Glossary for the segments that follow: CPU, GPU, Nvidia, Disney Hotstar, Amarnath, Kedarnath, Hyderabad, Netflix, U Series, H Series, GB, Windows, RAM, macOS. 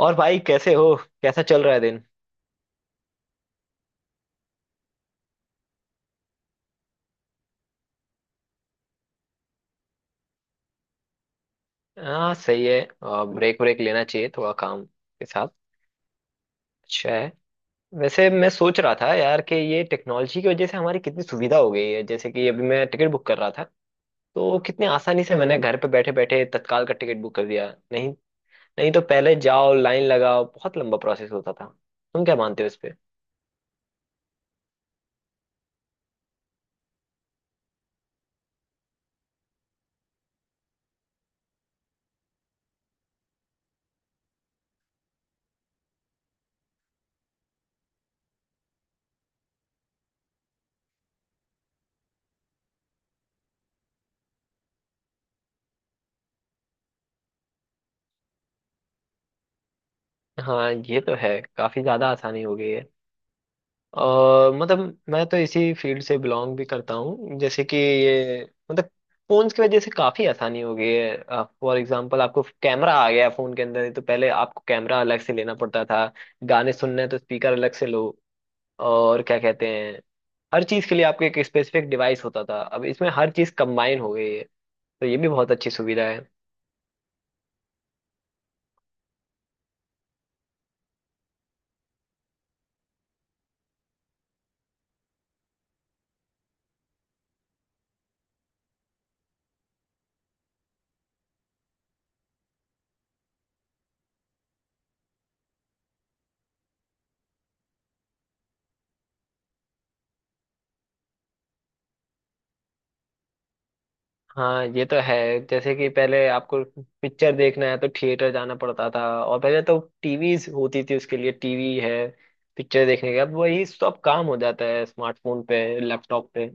और भाई, कैसे हो? कैसा चल रहा है दिन? हाँ, सही है। ब्रेक ब्रेक लेना चाहिए, थोड़ा काम के साथ। अच्छा है। वैसे मैं सोच रहा था यार कि ये टेक्नोलॉजी की वजह से हमारी कितनी सुविधा हो गई है, जैसे कि अभी मैं टिकट बुक कर रहा था, तो कितने आसानी से मैंने घर पे बैठे बैठे तत्काल का टिकट बुक कर दिया। नहीं? नहीं तो पहले जाओ, लाइन लगाओ, बहुत लंबा प्रोसेस होता था। तुम क्या मानते हो इस पे? हाँ, ये तो है, काफी ज्यादा आसानी हो गई है। और मतलब मैं तो इसी फील्ड से बिलोंग भी करता हूँ, जैसे कि ये मतलब फोन्स की वजह से काफी आसानी हो गई है। फॉर एग्जांपल, आपको कैमरा आ गया है फोन के अंदर, तो पहले आपको कैमरा अलग से लेना पड़ता था, गाने सुनने हैं तो स्पीकर अलग से लो, और क्या कहते हैं, हर चीज के लिए आपको एक स्पेसिफिक डिवाइस होता था। अब इसमें हर चीज कंबाइन हो गई है, तो ये भी बहुत अच्छी सुविधा है। हाँ, ये तो है। जैसे कि पहले आपको पिक्चर देखना है तो थिएटर जाना पड़ता था, और पहले तो टीवीज होती थी उसके लिए, टीवी है पिक्चर देखने के, अब वही सब काम हो जाता है स्मार्टफोन पे, लैपटॉप पे।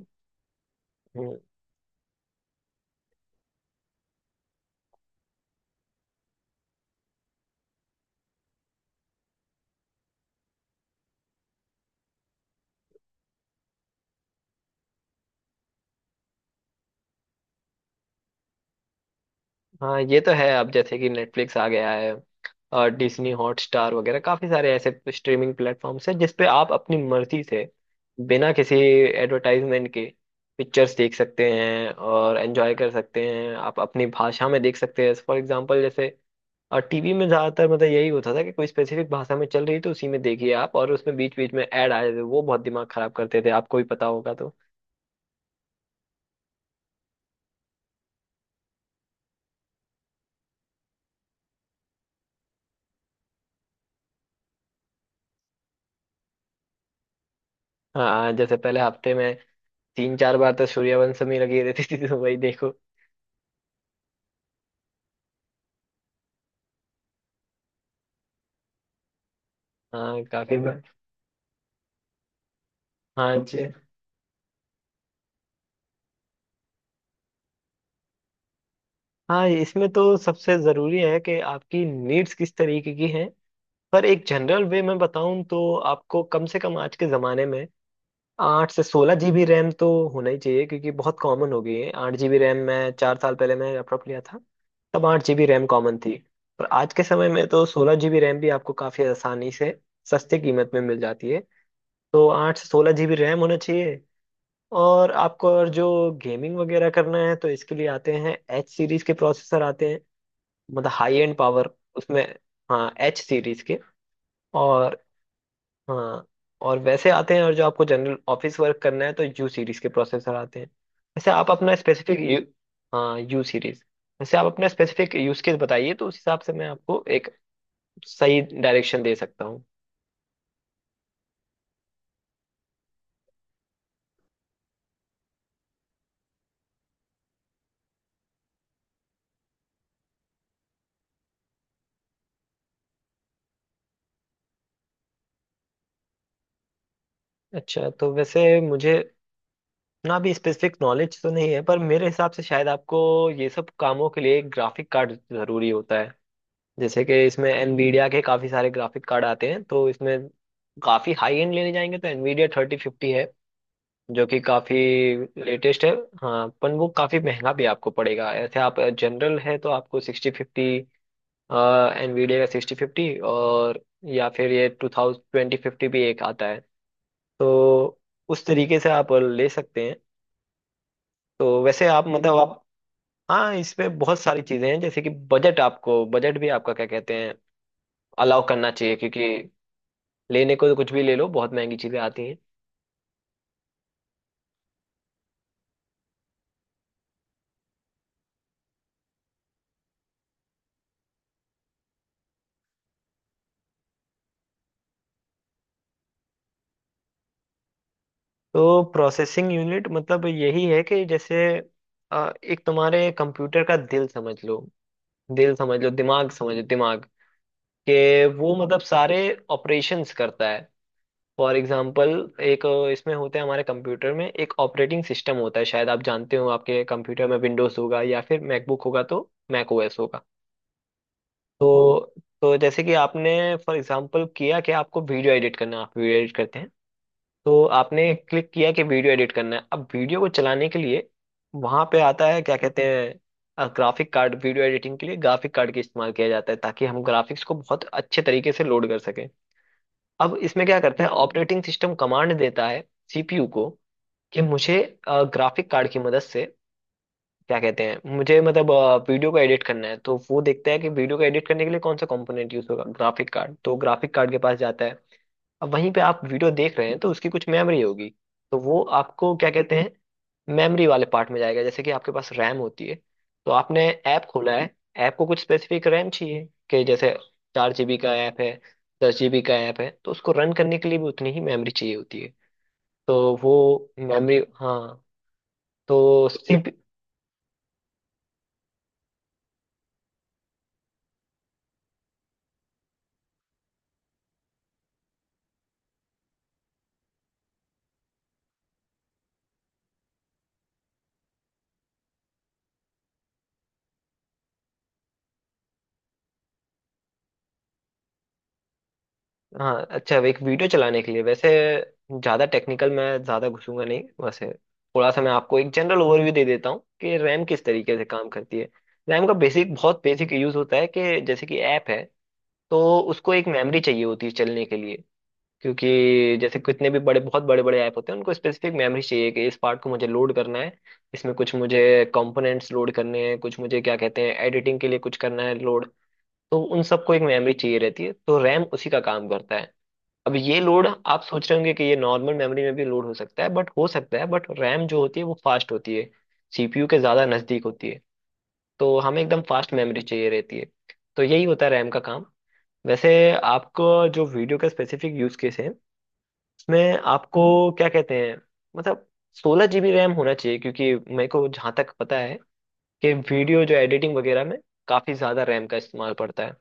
हम्म। हाँ, ये तो है। अब जैसे कि नेटफ्लिक्स आ गया है और डिज्नी हॉटस्टार वगैरह, काफी सारे ऐसे स्ट्रीमिंग प्लेटफॉर्म्स हैं जिसपे आप अपनी मर्जी से, बिना किसी एडवर्टाइजमेंट के, पिक्चर्स देख सकते हैं और एंजॉय कर सकते हैं। आप अपनी भाषा में देख सकते हैं, फॉर एग्जांपल जैसे। और टीवी में ज्यादातर मतलब यही होता था कि कोई स्पेसिफिक भाषा में चल रही तो उसी में देखिए आप, और उसमें बीच बीच में ऐड आए थे वो बहुत दिमाग खराब करते थे, आपको भी पता होगा तो। हाँ, जैसे पहले हफ्ते में तीन चार बार तो सूर्यवंशम ही लगी रहती थी, तो वही देखो। हाँ, काफी बार। हाँ जी। हाँ, इसमें तो सबसे जरूरी है कि आपकी नीड्स किस तरीके की हैं। पर एक जनरल वे में बताऊं तो आपको कम से कम आज के जमाने में 8 से 16 जीबी रैम तो होना ही चाहिए, क्योंकि बहुत कॉमन हो गई है 8 जीबी रैम। मैं 4 साल पहले मैं लैपटॉप लिया था, तब 8 जीबी रैम कॉमन थी। पर आज के समय में तो 16 जीबी रैम भी आपको काफी आसानी से सस्ते कीमत में मिल जाती है। तो 8 से 16 जीबी रैम होना चाहिए। और आपको, और जो गेमिंग वगैरह करना है तो इसके लिए आते हैं एच सीरीज के प्रोसेसर आते हैं, मतलब हाई एंड पावर उसमें। हाँ, एच सीरीज के। और हाँ। और वैसे आते हैं, और जो आपको जनरल ऑफिस वर्क करना है तो यू सीरीज के प्रोसेसर आते हैं। वैसे आप अपना स्पेसिफिक यू, हाँ, यू सीरीज। वैसे आप अपना स्पेसिफिक यूज केस बताइए, तो उस हिसाब से मैं आपको एक सही डायरेक्शन दे सकता हूँ। अच्छा, तो वैसे मुझे ना भी स्पेसिफिक नॉलेज तो नहीं है, पर मेरे हिसाब से शायद आपको ये सब कामों के लिए एक ग्राफिक कार्ड जरूरी होता है। जैसे कि इसमें एनवीडिया के काफी सारे ग्राफिक कार्ड आते हैं, तो इसमें काफी हाई एंड लेने जाएंगे तो एनवीडिया 3050 है, जो कि काफी लेटेस्ट है। हाँ, पर वो काफी महंगा भी आपको पड़ेगा। ऐसे आप जनरल है तो आपको 1650, एनवीडिया का 1650, और या फिर ये 2050 भी एक आता है, तो उस तरीके से आप ले सकते हैं। तो वैसे आप मतलब आप, हाँ, इसमें बहुत सारी चीजें हैं, जैसे कि बजट। आपको बजट भी आपका, क्या कहते हैं, अलाउ करना चाहिए, क्योंकि लेने को तो कुछ भी ले लो, बहुत महंगी चीजें आती हैं। तो प्रोसेसिंग यूनिट मतलब यही है कि जैसे एक तुम्हारे कंप्यूटर का दिल समझ लो, दिल समझ लो, दिमाग समझ लो, दिमाग के वो मतलब सारे ऑपरेशंस करता है। फॉर एग्जांपल, एक इसमें होता है हमारे कंप्यूटर में एक ऑपरेटिंग सिस्टम होता है। शायद आप जानते हो, आपके कंप्यूटर में विंडोज होगा या फिर मैकबुक होगा तो मैक ओएस होगा। तो तो जैसे कि आपने फॉर एग्जांपल किया कि आपको वीडियो एडिट करना, आप वीडियो एडिट करते हैं, तो आपने क्लिक किया कि वीडियो एडिट करना है। अब वीडियो को चलाने के लिए वहां पे आता है, क्या कहते हैं, ग्राफिक कार्ड। वीडियो एडिटिंग के लिए ग्राफिक कार्ड का इस्तेमाल किया जाता है, ताकि हम ग्राफिक्स को बहुत अच्छे तरीके से लोड कर सकें। अब इसमें क्या करते हैं, ऑपरेटिंग सिस्टम कमांड देता है सीपीयू को, कि मुझे ग्राफिक कार्ड की मदद से, क्या कहते हैं, मुझे मतलब वीडियो को एडिट करना है। तो वो देखता है कि वीडियो को एडिट करने के लिए कौन सा कंपोनेंट यूज होगा, ग्राफिक कार्ड, तो ग्राफिक कार्ड के पास जाता है। अब वहीं पे आप वीडियो देख रहे हैं तो उसकी कुछ मेमोरी होगी, तो वो आपको, क्या कहते हैं, मेमोरी वाले पार्ट में जाएगा, जैसे कि आपके पास रैम होती है। तो आपने ऐप खोला है, ऐप को कुछ स्पेसिफिक रैम चाहिए, कि जैसे 4 जीबी का ऐप है, 10 जीबी का ऐप है, तो उसको रन करने के लिए भी उतनी ही मेमोरी चाहिए होती है। तो वो मेमोरी, हाँ। तो हाँ, अच्छा, एक वीडियो चलाने के लिए वैसे ज़्यादा टेक्निकल मैं ज़्यादा घुसूंगा नहीं। वैसे थोड़ा सा मैं आपको एक जनरल ओवरव्यू दे देता हूँ कि रैम किस तरीके से काम करती है। रैम का बेसिक बहुत बेसिक यूज़ होता है, कि जैसे कि ऐप है, तो उसको एक मेमोरी चाहिए होती है चलने के लिए। क्योंकि जैसे कितने भी बड़े, बहुत बड़े बड़े ऐप होते हैं, उनको स्पेसिफिक मेमोरी चाहिए कि इस पार्ट को मुझे लोड करना है, इसमें कुछ मुझे कंपोनेंट्स लोड करने हैं, कुछ मुझे, क्या कहते हैं, एडिटिंग के लिए कुछ करना है लोड, तो उन सबको एक मेमोरी चाहिए रहती है, तो रैम उसी का काम करता है। अब ये लोड आप सोच रहे होंगे कि ये नॉर्मल मेमोरी में भी लोड हो सकता है, बट हो सकता है, बट रैम जो होती है वो फास्ट होती है, सीपीयू के ज़्यादा नज़दीक होती है। तो हमें एकदम फास्ट मेमोरी चाहिए रहती है। तो यही होता है रैम का काम। वैसे आपको जो वीडियो का स्पेसिफिक यूज़ केस है, उसमें आपको, क्या कहते हैं, मतलब 16 जीबी रैम होना चाहिए, क्योंकि मेरे को जहाँ तक पता है कि वीडियो जो एडिटिंग वगैरह में काफ़ी ज़्यादा रैम का इस्तेमाल पड़ता है।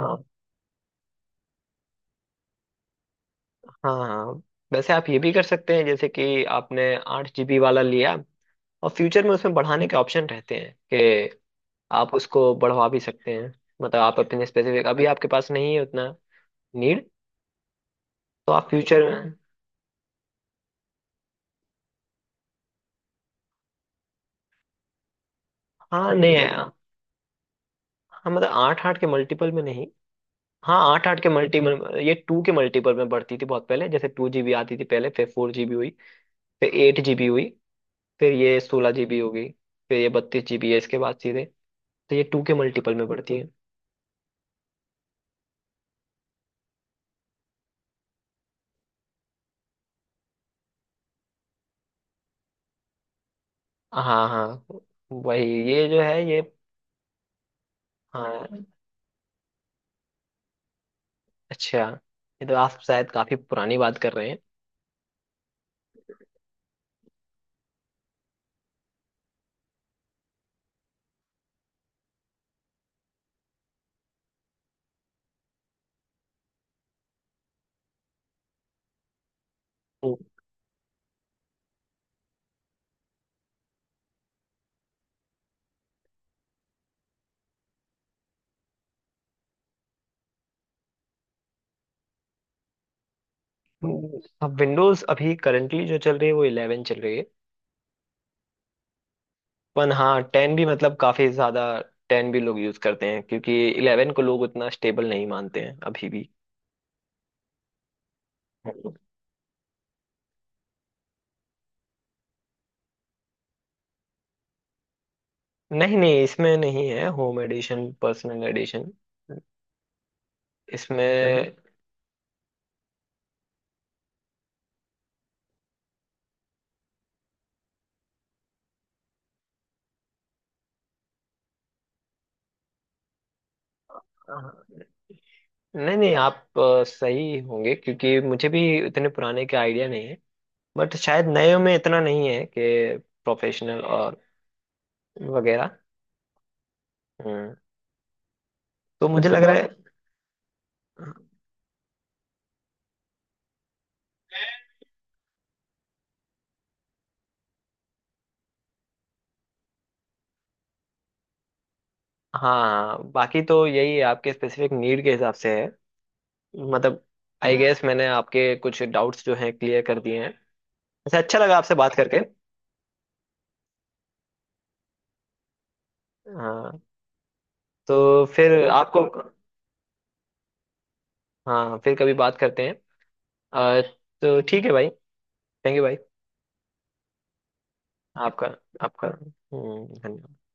हाँ, हाँ, हाँ। वैसे आप ये भी कर सकते हैं, जैसे कि आपने 8 जीबी वाला लिया, और फ्यूचर में उसमें बढ़ाने के ऑप्शन रहते हैं, कि आप उसको बढ़वा भी सकते हैं। मतलब आप अपने स्पेसिफिक अभी आपके पास नहीं है उतना नीड, तो आप फ्यूचर में। हाँ, नहीं है। हाँ, मतलब आठ आठ के मल्टीपल में नहीं। हाँ, आठ आठ के मल्टीपल, ये टू के मल्टीपल में बढ़ती थी बहुत पहले। जैसे 2 जीबी आती थी पहले, फिर 4 जीबी हुई, फिर 8 जीबी हुई, फिर ये 16 जीबी हो गई, फिर ये 32 जीबी है। इसके बाद सीधे, तो ये टू के मल्टीपल में बढ़ती है। हाँ, हाँ, वही ये जो है ये। हाँ, अच्छा, ये तो आप शायद काफी पुरानी बात कर रहे हैं। अब विंडोज अभी करंटली जो चल रही है वो 11 चल रही है। पर हाँ, 10 भी मतलब काफी ज्यादा, 10 भी लोग यूज करते हैं, क्योंकि 11 को लोग उतना स्टेबल नहीं मानते हैं अभी भी। नहीं नहीं, इसमें नहीं है, होम एडिशन पर्सनल एडिशन इसमें। नहीं नहीं, आप सही होंगे, क्योंकि मुझे भी इतने पुराने का आइडिया नहीं है, बट शायद नए में इतना नहीं है कि प्रोफेशनल और वगैरह। हम्म तो मुझे अच्छा लग रहा है बहुत। हाँ, बाकी तो यही है, आपके स्पेसिफिक नीड के हिसाब से है, मतलब आई हाँ गेस मैंने आपके कुछ डाउट्स जो हैं क्लियर कर दिए हैं। अच्छा, अच्छा लगा आपसे बात करके। हाँ, तो फिर ओके आपको। हाँ, फिर कभी बात करते हैं। अ, तो ठीक है भाई। थैंक यू भाई। आपका। आपका धन्यवाद।